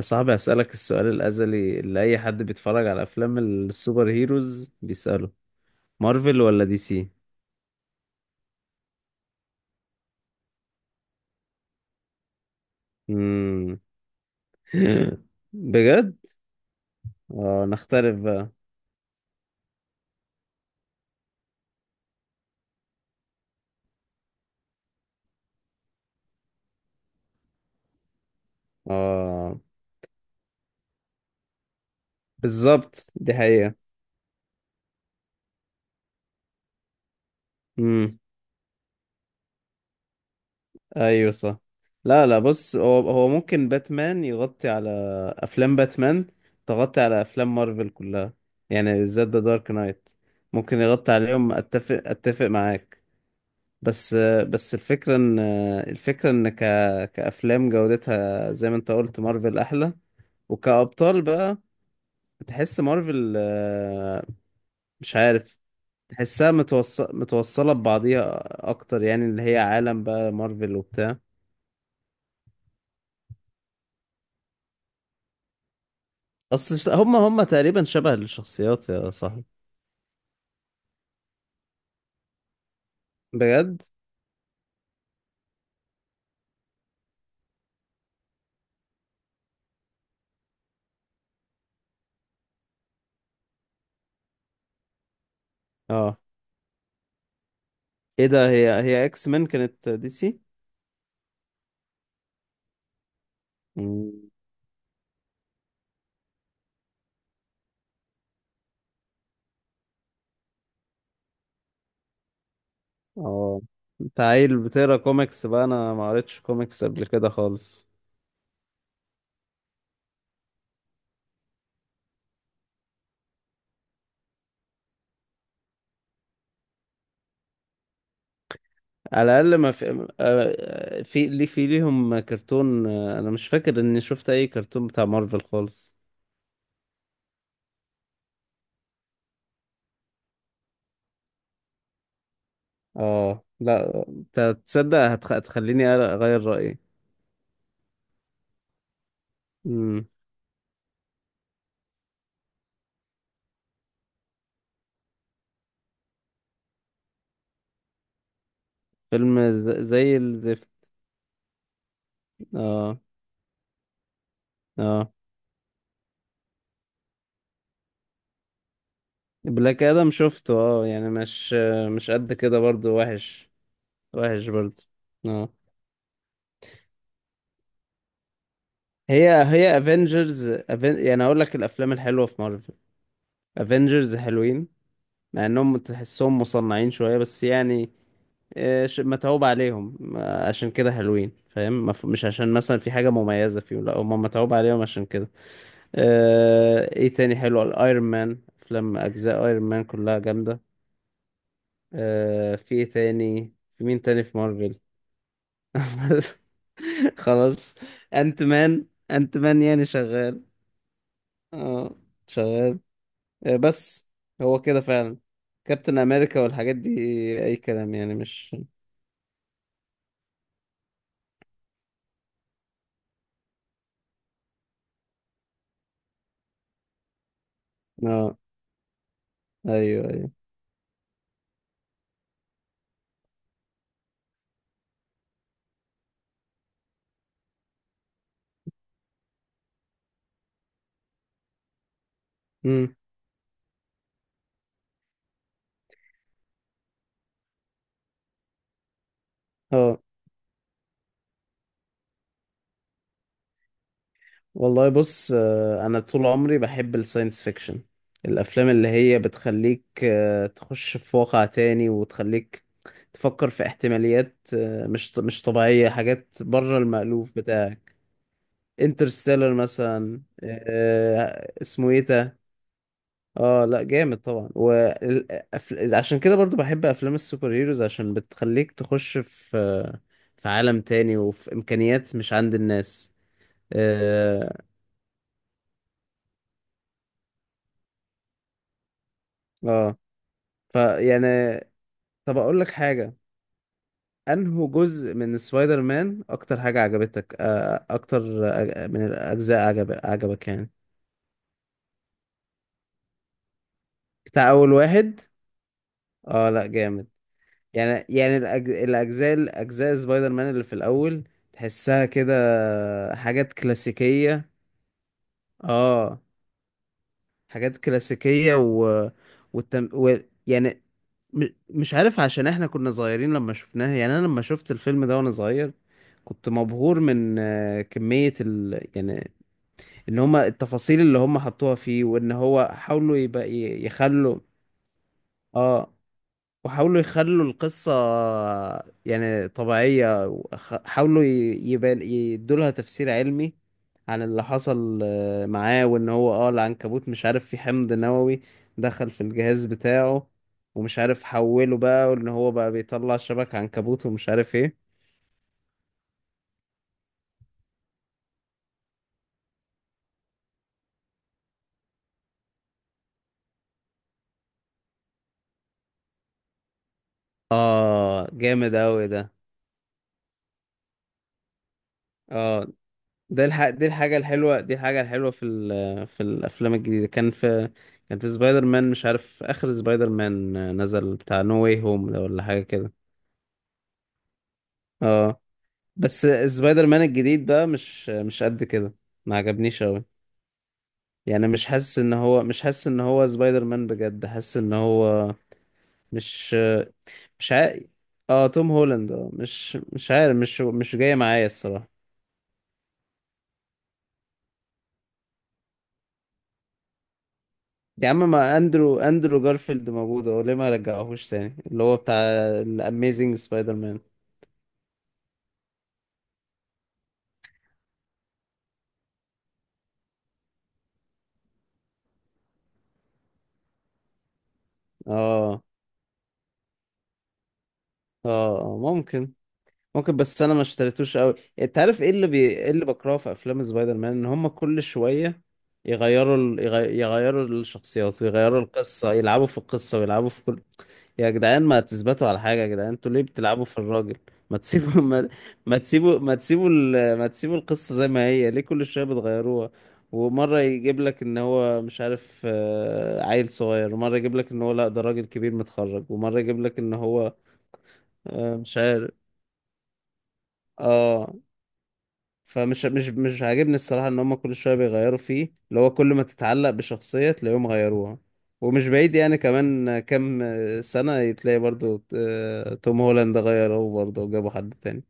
صعب أسألك السؤال الأزلي اللي أي حد بيتفرج على أفلام السوبر هيروز بيسأله: مارفل ولا دي سي؟ مم. بجد؟ اه، نختلف بقى. اه، بالظبط، دي حقيقة. مم. أيوة، صح. لا لا، بص، هو ممكن باتمان يغطي على أفلام باتمان، تغطي على أفلام مارفل كلها. يعني بالذات ذا دارك نايت ممكن يغطي عليهم. أتفق أتفق معاك. بس بس الفكرة ان كأفلام جودتها زي ما انت قلت مارفل احلى. وكأبطال بقى، تحس مارفل مش عارف. تحسها متوصلة ببعضيها اكتر، يعني اللي هي عالم بقى مارفل وبتاع. اصل هم تقريبا شبه الشخصيات يا صاحبي. بجد. اه، ايه ده، هي اكس مان كانت دي سي؟ مم. اه، انت عيل بتقرا كوميكس بقى؟ انا ما قريتش كوميكس قبل كده خالص. على الاقل ما في في ليه في ليهم كرتون. انا مش فاكر اني شفت اي كرتون بتاع مارفل خالص. اه لا، تصدق هتخليني اغير رايي. امم فيلم زي الزفت. اه اه. بلاك ادم شفته، اه يعني مش قد كده، برضو وحش. وحش برضو. اه. هي افنجرز، يعني اقول لك الافلام الحلوه في مارفل، افنجرز حلوين، مع انهم تحسهم مصنعين شوية بس يعني متعوب عليهم عشان كده حلوين، فاهم؟ مش عشان مثلا في حاجة مميزة فيهم، لا، هم متعوب عليهم عشان كده. ايه تاني حلو؟ الايرون مان، افلام اجزاء ايرون مان كلها جامدة. في ايه تاني؟ في مين تاني في مارفل؟ خلاص. انت مان انت مان يعني شغال. اه شغال. بس هو كده فعلا. كابتن امريكا والحاجات دي اي كلام يعني، مش. اه، ايوه ايوه. امم اه والله، بص، انا طول عمري بحب الساينس فيكشن، الافلام اللي هي بتخليك تخش في واقع تاني، وتخليك تفكر في احتماليات مش طبيعية، حاجات بره المألوف بتاعك. انترستيلر مثلا، اسمه ايه ده. اه لا، جامد طبعا. عشان كده برضو بحب افلام السوبر هيروز عشان بتخليك تخش في في عالم تاني، وفي امكانيات مش عند الناس. اه. آه. فيعني طب اقول لك حاجة: انه جزء من سبايدر مان اكتر حاجة عجبتك، اكتر من الاجزاء عجبك يعني؟ بتاع اول واحد؟ اه لا، جامد. يعني الاجزاء سبايدر مان اللي في الاول تحسها كده حاجات كلاسيكية. اه حاجات كلاسيكية والتم... و... يعني مش عارف، عشان احنا كنا صغيرين لما شفناها. يعني انا لما شفت الفيلم ده وانا صغير كنت مبهور من كمية يعني ان هما التفاصيل اللي هما حطوها فيه، وان هو حاولوا يبقى يخلوا. اه، وحاولوا يخلوا القصة يعني طبيعية، حاولوا يبان يدولها تفسير علمي عن اللي حصل معاه، وان هو اه العنكبوت مش عارف، في حمض نووي دخل في الجهاز بتاعه ومش عارف حوله بقى، وان هو بقى بيطلع شبك عنكبوت ومش عارف ايه. اه جامد اوي ده. اه، دي الحاجة الحلوة في في الأفلام الجديدة، كان في، كان في سبايدر مان مش عارف، آخر سبايدر مان نزل بتاع نو واي هوم ده ولا حاجة كده. اه بس سبايدر مان الجديد بقى مش قد كده. ما عجبنيش أوي. يعني مش حاسس إن هو سبايدر مان بجد، حاسس إن هو مش. مش عارف. اه توم هولاند، اه مش عارف، مش جاي معايا الصراحة. يا عم، ما اندرو جارفيلد موجود اهو، ليه ما رجعهوش تاني، اللي هو بتاع الاميزنج سبايدر مان؟ اه اه. ممكن، بس انا ما اشتريتوش قوي. انت عارف ايه اللي بكرهه في افلام سبايدر مان؟ ان هم كل شويه يغيروا يغيروا الشخصيات ويغيروا القصه، يلعبوا في القصه ويلعبوا في كل. يا جدعان، ما تثبتوا على حاجه، يا جدعان انتوا ليه بتلعبوا في الراجل؟ ما تسيبوا ما, ما تسيبوا القصه زي ما هي، ليه كل شويه بتغيروها؟ ومره يجيب لك ان هو مش عارف عيل صغير، ومره يجيب لك ان هو لا ده راجل كبير متخرج، ومره يجيب لك ان هو مش عارف. اه. فمش مش مش عاجبني الصراحة ان هم كل شوية بيغيروا فيه، اللي هو كل ما تتعلق بشخصية تلاقيهم غيروها. ومش بعيد يعني كمان كام سنة تلاقي برضو توم هولاند غيروه برضو وجابوا حد تاني.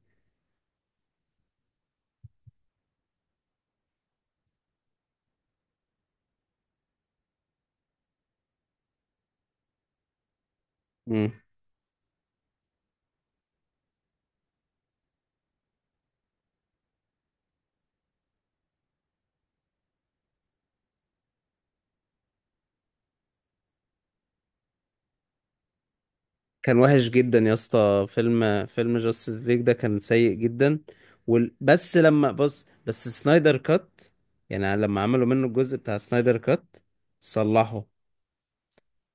مم. كان وحش جدا يا اسطى، فيلم جاستس ليج ده كان سيء جدا. بس لما بص، بس سنايدر كات، يعني لما عملوا منه الجزء بتاع سنايدر كات صلحوا.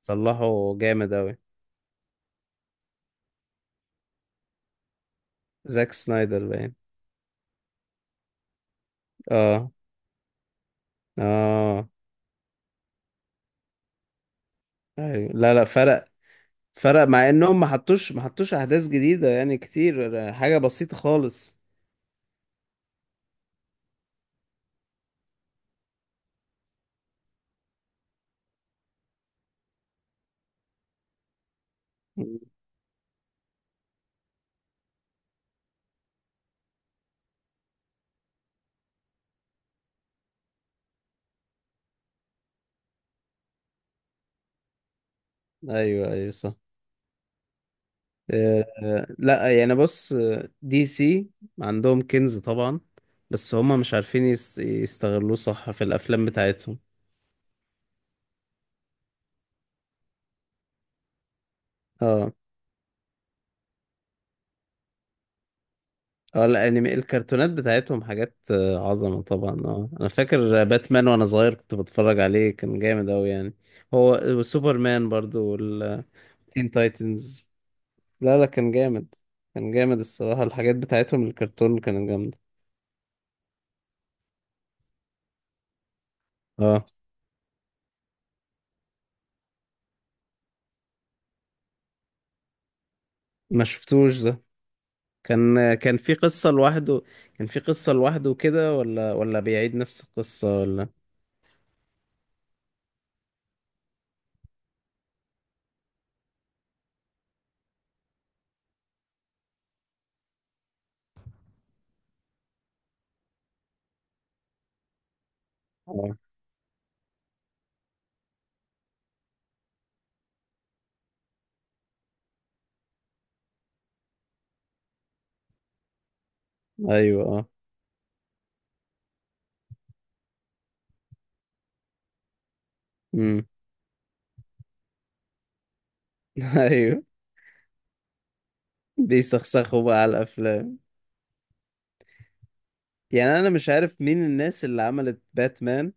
صلحوا جامد اوي. زاك سنايدر باين. اه اه. أيوة. لا لا، فرق، فرق، مع انهم ما حطوش احداث جديده، يعني كتير، حاجه بسيطه خالص. مم. ايوه ايوه، صح. لا يعني بص، دي سي عندهم كنز طبعا، بس هم مش عارفين يستغلوه صح في الافلام بتاعتهم. اه اه. الكرتونات بتاعتهم حاجات عظمه طبعا. اه انا فاكر باتمان وانا صغير كنت بتفرج عليه، كان جامد اوي يعني. هو وسوبرمان برضو والتين تايتنز. لا لا، كان جامد، كان جامد الصراحة، الحاجات بتاعتهم الكرتون كانت جامدة. اه ما شفتوش ده. كان كان في قصة لوحده كان في قصة لوحده كده، ولا بيعيد نفس القصة، ولا؟ اه ايوه اه. امم ايوه بيسخسخوا بقى على الافلام. يعني انا مش عارف مين الناس اللي عملت باتمان،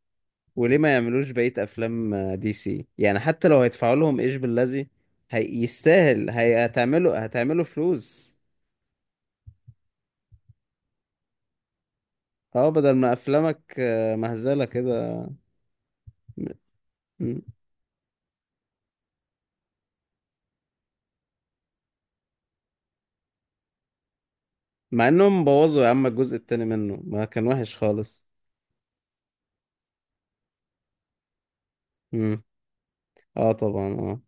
وليه ما يعملوش بقية افلام دي سي، يعني حتى لو هيدفعوا لهم ايش باللذي، يستاهل، هتعملوا فلوس. اه بدل ما افلامك مهزله كده. م- م- مع انهم بوظوا يا عم الجزء التاني منه، ما كان وحش خالص. امم اه طبعا. اه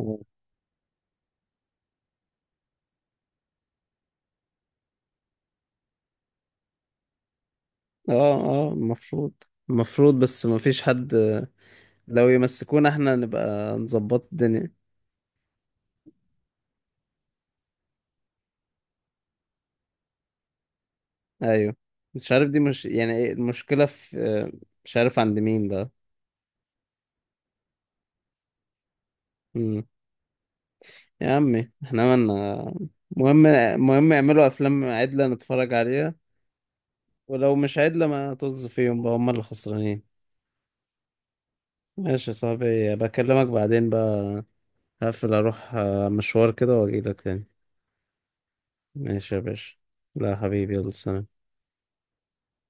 اه اه. المفروض، المفروض بس ما فيش حد، لو يمسكونا احنا نبقى نظبط الدنيا. ايوه. مش عارف، دي مش يعني، ايه المشكله في مش عارف عند مين بقى. امم يا عمي احنا مالنا. مهم مهم يعملوا افلام عدله نتفرج عليها. ولو مش عدله ما طز فيهم بقى، هم اللي خسرانين. ماشي يا صاحبي، بكلمك بعدين بقى، هقفل اروح مشوار كده واجيلك تاني. ماشي يا باشا. لا حبيبي، يلا سلام.